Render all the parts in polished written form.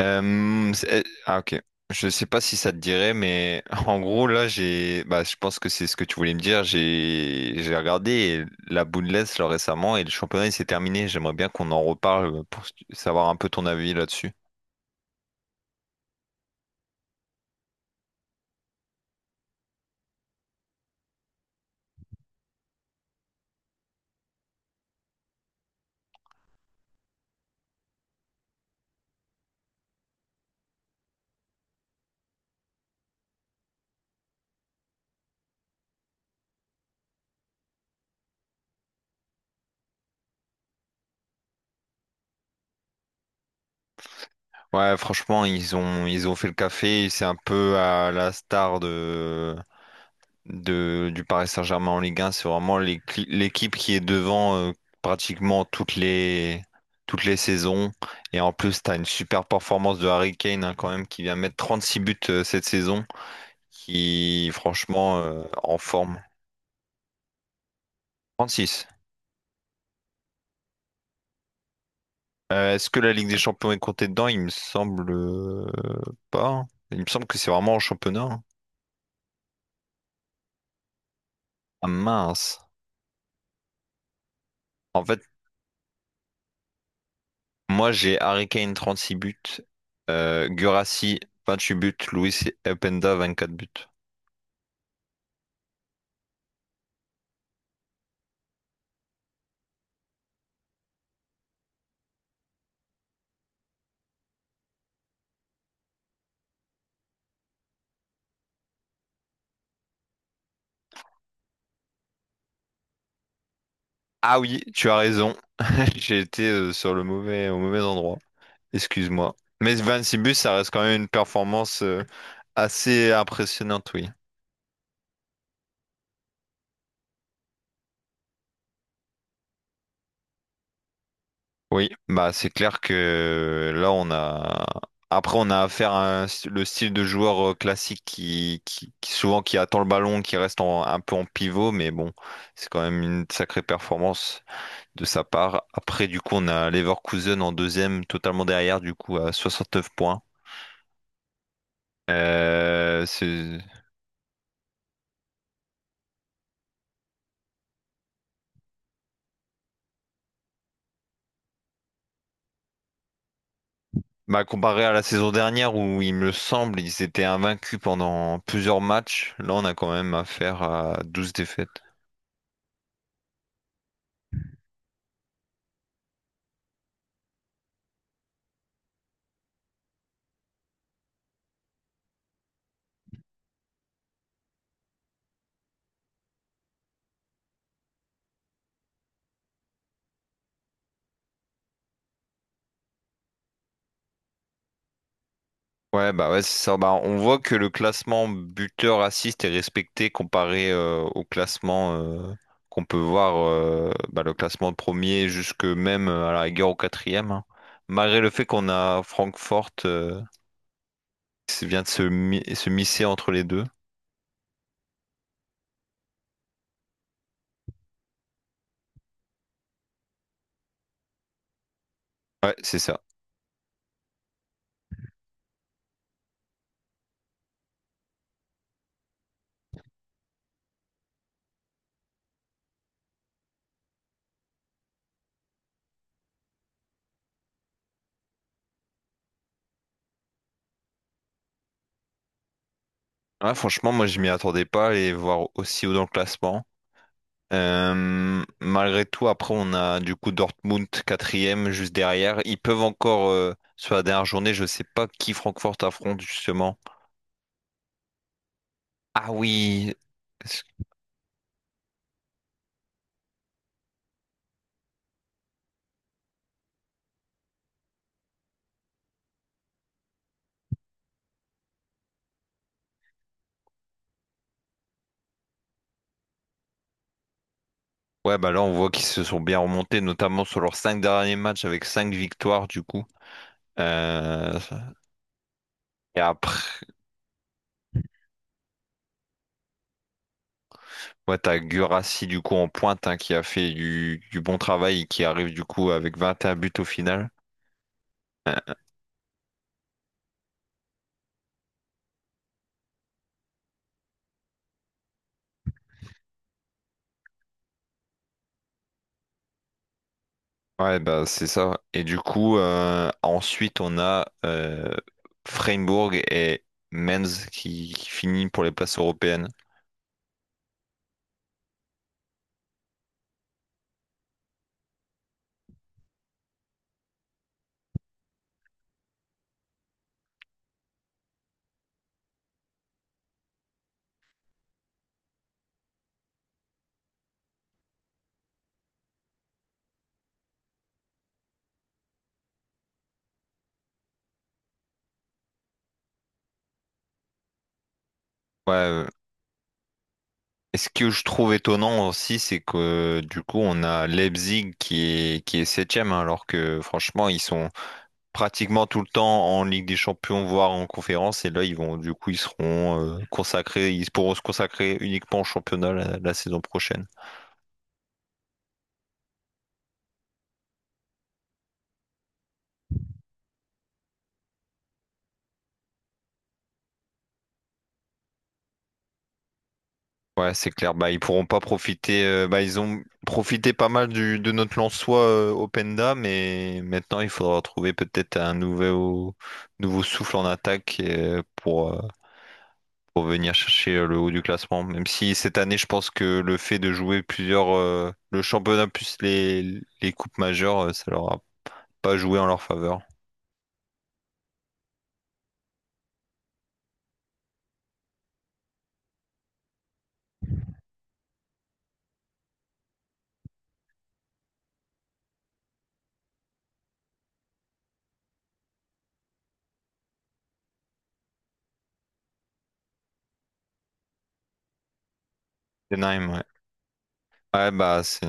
OK. Je sais pas si ça te dirait, mais en gros là bah je pense que c'est ce que tu voulais me dire. J'ai regardé la Bundes là récemment et le championnat il s'est terminé. J'aimerais bien qu'on en reparle pour savoir un peu ton avis là-dessus. Ouais, franchement ils ont fait le café. C'est un peu à la star de du Paris Saint-Germain en Ligue 1. C'est vraiment l'équipe qui est devant pratiquement toutes les saisons. Et en plus, tu as une super performance de Harry Kane, hein, quand même, qui vient mettre 36 buts cette saison, qui franchement en forme. 36. Est-ce que la Ligue des Champions est comptée dedans? Il me semble pas. Il me semble que c'est vraiment en championnat, hein. Ah mince. En fait, Moi, j'ai Harry Kane six buts, Guirassy huit buts, Luis Openda quatre buts. Ah oui, tu as raison. J'ai été sur le au mauvais endroit. Excuse-moi. Mais 26 buts, ça reste quand même une performance assez impressionnante, oui. Oui, bah c'est clair que là on a après on a affaire à un le style de joueur classique souvent qui attend le ballon, qui reste un peu en pivot, mais bon, c'est quand même une sacrée performance de sa part. Après du coup on a Leverkusen en deuxième, totalement derrière du coup à 69 points. Euh, c'est Comparé à la saison dernière où il me semble ils étaient invaincus pendant plusieurs matchs, là on a quand même affaire à 12 défaites. Ouais, bah ouais, c'est ça. Bah, on voit que le classement buteur assist est respecté comparé au classement qu'on peut voir, bah, le classement premier jusque même à la rigueur au quatrième, hein. Malgré le fait qu'on a Francfort qui vient de se misser entre les deux. Ouais, c'est ça. Ouais, franchement, moi je m'y attendais pas à les voir aussi haut dans le classement. Malgré tout, après, on a du coup Dortmund quatrième juste derrière. Ils peuvent encore, sur la dernière journée, je sais pas qui Francfort affronte justement. Ah oui. Ouais, bah là, on voit qu'ils se sont bien remontés, notamment sur leurs cinq derniers matchs avec cinq victoires du coup. Euh, et après, ouais, t'as Guirassy du coup en pointe, hein, qui a fait du bon travail et qui arrive du coup avec 21 buts au final. Euh, Ouais, bah c'est ça. Et du coup, ensuite, on a Freiburg et Mainz qui finit pour les places européennes. Ouais, et ce que je trouve étonnant aussi, c'est que du coup, on a Leipzig qui est septième, hein, alors que franchement, ils sont pratiquement tout le temps en Ligue des Champions, voire en conférence. Et là, ils vont, du coup, ils seront consacrés, ils pourront se consacrer uniquement au championnat la saison prochaine. Ouais, c'est clair. Bah, ils pourront pas profiter, bah, ils ont profité pas mal de notre Lensois Openda, mais maintenant il faudra trouver peut-être un nouveau souffle en attaque pour venir chercher le haut du classement. Même si cette année, je pense que le fait de jouer le championnat plus les coupes majeures, ça leur a pas joué en leur faveur. Denheim, ouais. Ouais, bah, c'est.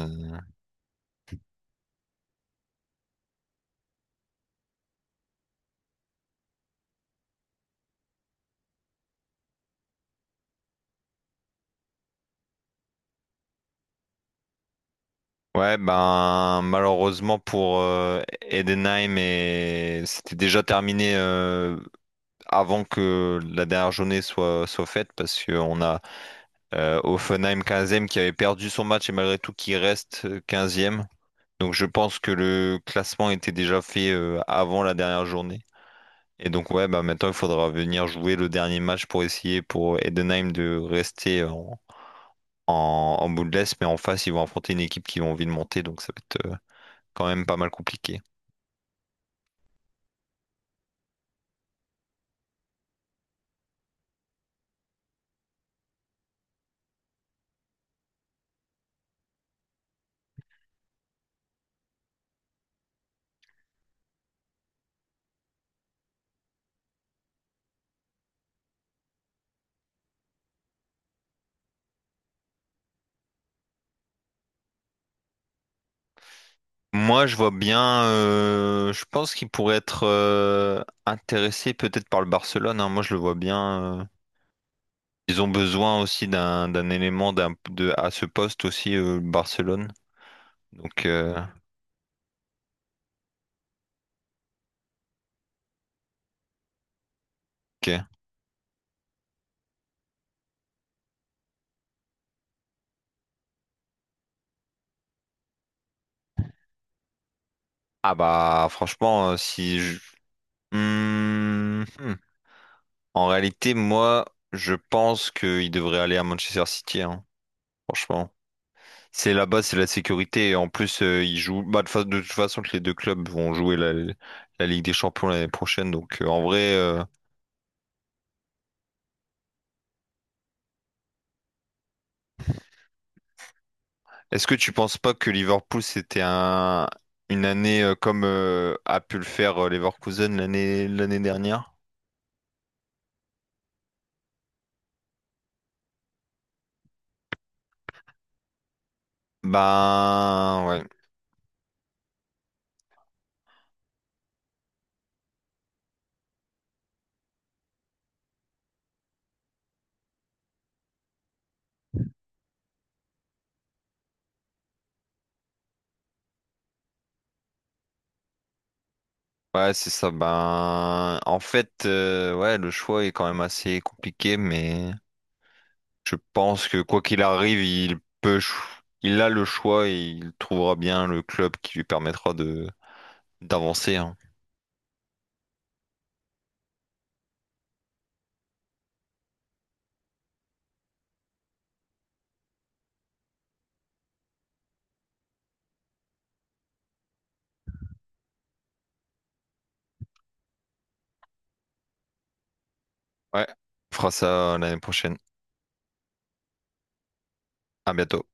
Ouais, ben malheureusement pour Edenheim, et c'était déjà terminé avant que la dernière journée soit faite parce qu'on a Hoffenheim 15e qui avait perdu son match et malgré tout qui reste 15e. Donc je pense que le classement était déjà fait avant la dernière journée. Et donc ouais, bah maintenant il faudra venir jouer le dernier match pour essayer pour Edenheim de rester en bout de l'Est, mais en face ils vont affronter une équipe qui a envie de monter, donc ça va être quand même pas mal compliqué. Moi, je vois bien, je pense qu'il pourrait être intéressé peut-être par le Barcelone, hein. Moi, je le vois bien, euh. Ils ont besoin aussi d'un élément à ce poste aussi, le Barcelone. Donc, OK. Ah bah, franchement, si je... Hmm, hmm. En réalité, moi, je pense qu'il devrait aller à Manchester City, hein. Franchement, c'est là-bas, c'est la sécurité. Et en plus, ils jouent. Bah, de toute façon, que les deux clubs vont jouer la Ligue des Champions l'année prochaine. Donc, en vrai, est-ce que tu penses pas que Liverpool c'était un une année comme a pu le faire Leverkusen l'année dernière? Ben ouais, ouais, c'est ça. Ben en fait, ouais, le choix est quand même assez compliqué, mais. Je pense que quoi qu'il arrive, il a le choix et il trouvera bien le club qui lui permettra de d'avancer, hein. Ouais, on fera ça l'année prochaine. À bientôt.